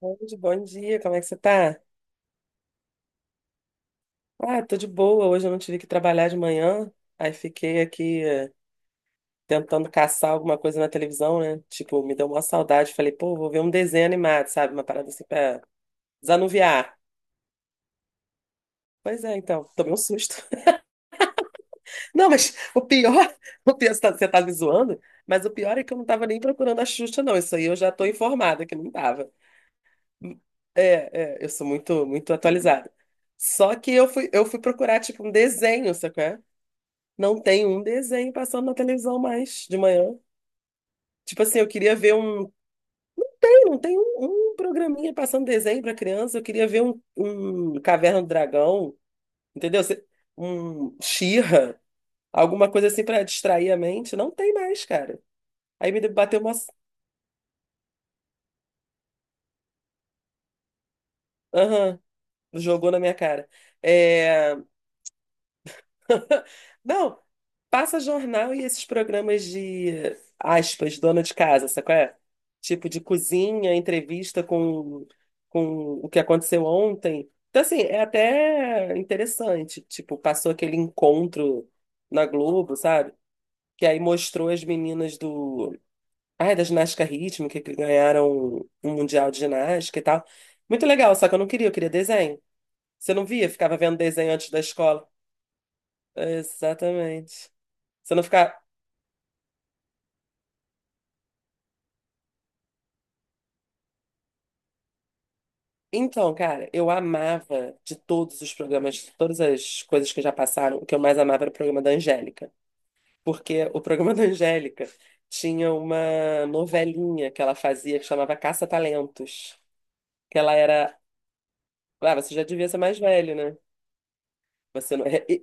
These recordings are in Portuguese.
Oi, bom dia, como é que você tá? Ah, tô de boa. Hoje eu não tive que trabalhar de manhã, aí fiquei aqui tentando caçar alguma coisa na televisão, né? Tipo, me deu uma saudade. Falei, pô, vou ver um desenho animado, sabe? Uma parada assim pra desanuviar. Pois é, então, tomei um susto. Não, mas o pior, o pior, você tá me zoando, mas o pior é que eu não tava nem procurando a Xuxa, não. Isso aí eu já tô informada que não tava. É, é, eu sou muito, muito atualizada. Só que eu fui procurar, tipo, um desenho, sacou? Não tem um desenho passando na televisão mais de manhã. Tipo assim, eu queria ver um. Tem, não tem um programinha passando desenho para criança. Eu queria ver um Caverna do Dragão, entendeu? Um She-Ra, alguma coisa assim para distrair a mente. Não tem mais, cara. Aí me bateu uma. Aham, jogou na minha cara. É... Não, passa jornal e esses programas de, aspas, dona de casa, sabe qual é? Tipo de cozinha, entrevista com o que aconteceu ontem. Então, assim, é até interessante. Tipo, passou aquele encontro na Globo, sabe? Que aí mostrou as meninas do... Ai, da ginástica rítmica, que ganharam um mundial de ginástica e tal. Muito legal, só que eu não queria, eu queria desenho. Você não via? Ficava vendo desenho antes da escola. Exatamente. Você não ficava... Então, cara, eu amava de todos os programas, de todas as coisas que já passaram, o que eu mais amava era o programa da Angélica. Porque o programa da Angélica tinha uma novelinha que ela fazia que chamava Caça-Talentos. Que ela era. Ah, você já devia ser mais velho, né? Você não.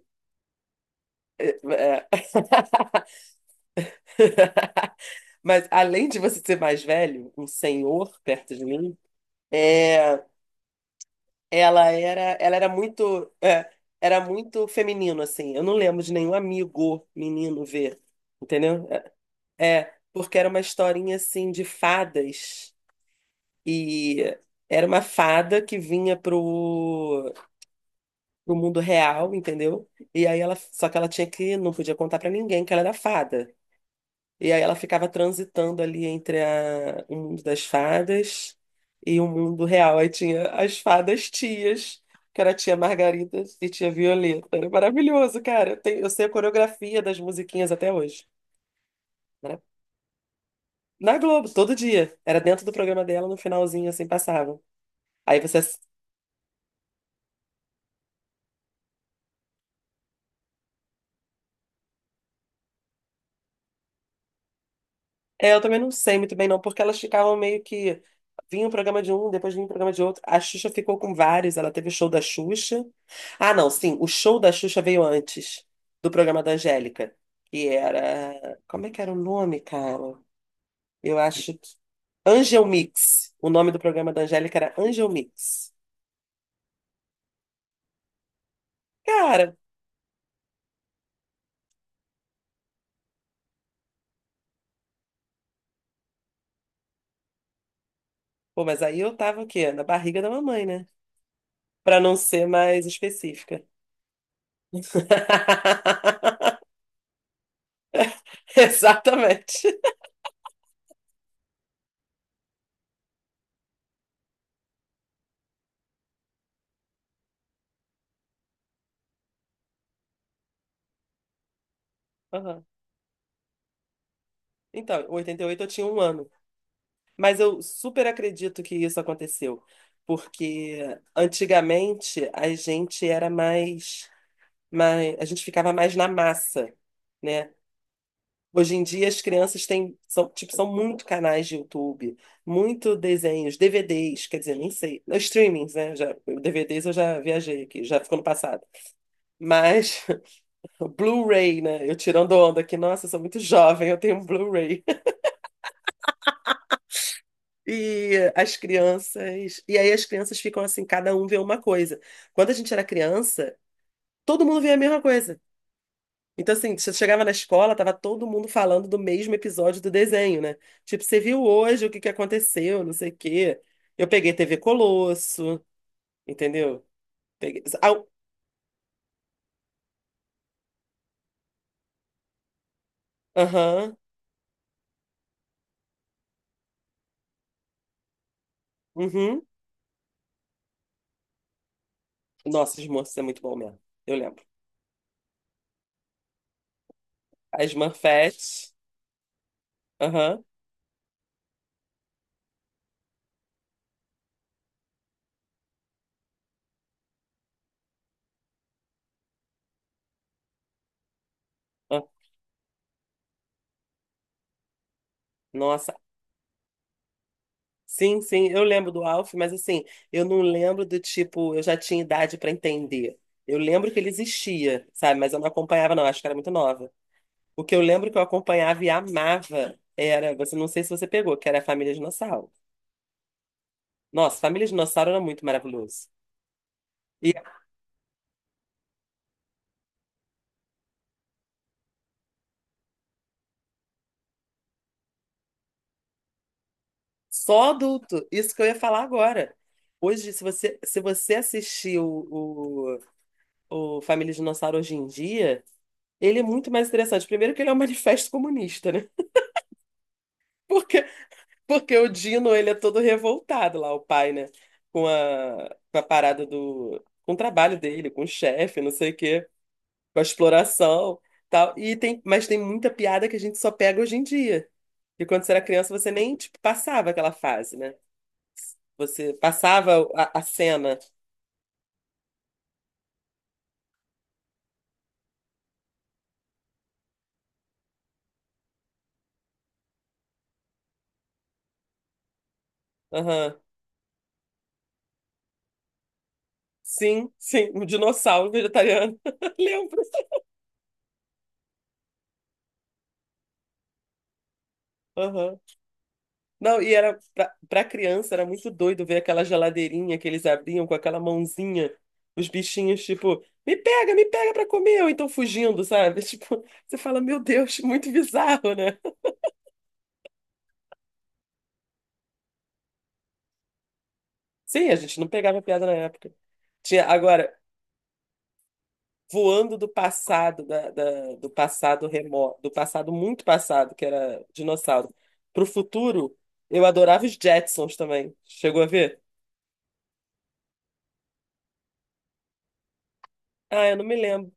Mas além de você ser mais velho, um senhor perto de mim. É, ela era muito, era muito feminino, assim. Eu não lembro de nenhum amigo menino ver, entendeu? É, é, porque era uma historinha, assim, de fadas. E era uma fada que vinha pro mundo real, entendeu? E aí ela, só que ela tinha que, não podia contar pra ninguém que ela era fada. E aí ela ficava transitando ali entre o mundo das fadas e o mundo real. Aí tinha as fadas tias, que era a tia Margarida e tia Violeta. Era maravilhoso, cara. Eu sei a coreografia das musiquinhas até hoje, né? Na Globo, todo dia. Era dentro do programa dela, no finalzinho assim passava. Aí você. É, eu também não sei muito bem, não, porque elas ficavam meio que. Vinha um programa de um, depois vinha um programa de outro. A Xuxa ficou com vários, ela teve o show da Xuxa. Ah, não, sim, o show da Xuxa veio antes do programa da Angélica, que era. Como é que era o nome, cara? Eu acho que. Angel Mix. O nome do programa da Angélica era Angel Mix. Cara, pô, mas aí eu tava o quê? Na barriga da mamãe, né? Pra não ser mais específica. Exatamente. Aham. Então, em 88 eu tinha 1 ano. Mas eu super acredito que isso aconteceu. Porque antigamente a gente era mais, a gente ficava mais na massa, né? Hoje em dia as crianças têm, são, tipo, são muito canais de YouTube, muito desenhos, DVDs, quer dizer, nem sei, não, streamings, né? Já, DVDs eu já viajei aqui, já ficou no passado. Mas o Blu-ray, né? Eu tirando onda aqui, nossa, eu sou muito jovem, eu tenho um Blu-ray. E as crianças. E aí as crianças ficam assim, cada um vê uma coisa. Quando a gente era criança, todo mundo via a mesma coisa. Então, assim, você chegava na escola, tava todo mundo falando do mesmo episódio do desenho, né? Tipo, você viu hoje o que que aconteceu, não sei o quê. Eu peguei TV Colosso, entendeu? Peguei. Au, aham. Uhum. Nossa, os moços é muito bom mesmo. Eu lembro. As Smurfette. Aham. Ah, nossa, sim, sim, eu lembro do Alf, mas assim, eu não lembro do tipo, eu já tinha idade para entender. Eu lembro que ele existia, sabe? Mas eu não acompanhava, não, acho que era muito nova. O que eu lembro que eu acompanhava e amava era, você não sei se você pegou, que era a Família Dinossauro. Nossa, Família Dinossauro era muito maravilhoso. E só adulto, isso que eu ia falar agora. Hoje, se você, assistir o Família Dinossauro hoje em dia, ele é muito mais interessante. Primeiro que ele é um manifesto comunista, né? Porque Porque o Dino, ele é todo revoltado lá, o pai, né? Com a parada do... Com o trabalho dele, com o chefe, não sei o quê. Com a exploração, tal. Mas tem muita piada que a gente só pega hoje em dia. E quando você era criança, você nem, tipo, passava aquela fase, né? Você passava a cena. Aham. Sim, sim. Um dinossauro vegetariano. Lembro. Não, e era pra criança era muito doido ver aquela geladeirinha que eles abriam com aquela mãozinha, os bichinhos, tipo, me pega pra comer, ou então fugindo, sabe? Tipo, você fala, meu Deus, muito bizarro, né? Sim, a gente não pegava piada na época. Tinha, agora, voando do passado, do passado remoto, do passado muito passado, que era dinossauro, pro futuro, eu adorava os Jetsons também. Chegou a ver? Ah, eu não me lembro.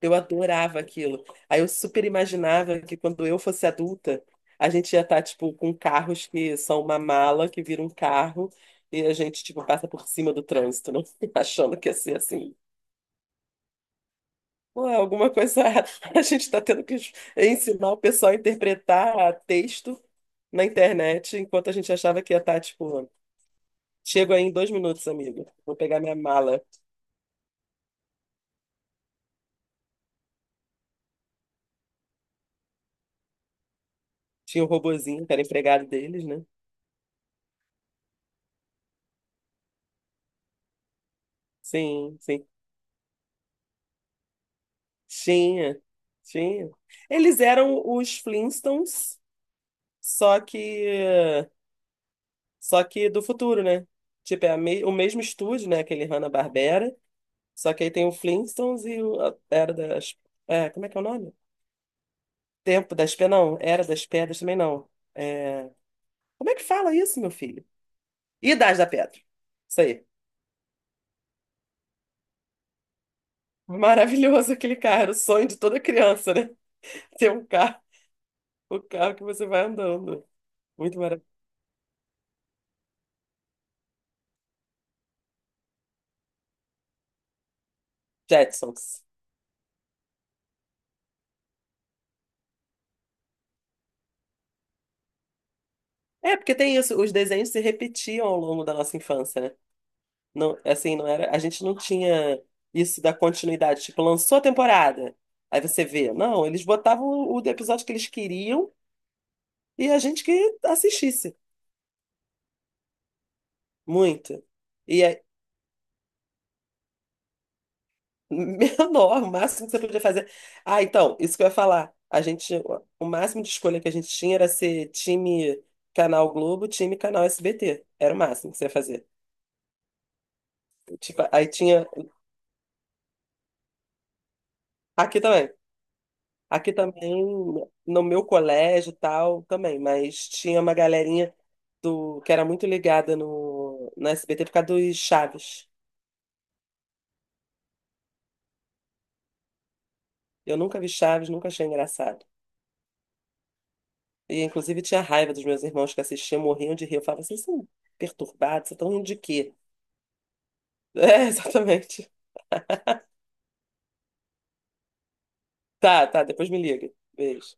Eu adorava aquilo. Aí eu super imaginava que quando eu fosse adulta, a gente ia estar, tipo, com carros que são uma mala que vira um carro e a gente, tipo, passa por cima do trânsito, não? Achando que ia ser assim. Pô, alguma coisa a gente está tendo que ensinar o pessoal a interpretar texto na internet, enquanto a gente achava que ia estar, tipo, chego aí em 2 minutos, amigo. Vou pegar minha mala. Tinha o robozinho, que era empregado deles, né? Sim, sim. Tinha, tinha. Eles eram os Flintstones, só que só que do futuro, né? Tipo, é o mesmo estúdio, né? Aquele Hanna-Barbera, só que aí tem o Flintstones e o a Era das... É, como é que é o nome? Tempo das Pedras, não. Era das Pedras também não. É, como é que fala isso, meu filho? Idade da Pedra. Isso aí. Maravilhoso aquele carro, era o sonho de toda criança, né? Ter um carro, o carro que você vai andando. Muito maravilhoso. Jetsons. É, porque tem isso, os desenhos se repetiam ao longo da nossa infância, né? Não, assim, não era, a gente não tinha isso da continuidade, tipo, lançou a temporada, aí você vê. Não, eles botavam o episódio que eles queriam e a gente que assistisse muito. E aí, menor, o máximo que você podia fazer. Ah, então, isso que eu ia falar. A gente, o máximo de escolha que a gente tinha era ser time Canal Globo, time Canal SBT. Era o máximo que você ia fazer. Tipo, aí tinha. Aqui também. Aqui também, no meu colégio e tal, também, mas tinha uma galerinha do, que era muito ligada no SBT por causa dos Chaves. Eu nunca vi Chaves, nunca achei engraçado. E, inclusive, tinha raiva dos meus irmãos que assistiam, morriam de rir. Eu falava, assim, vocês são perturbados, vocês estão rindo de quê? É, exatamente. Tá, tá, depois me liga. Beijo.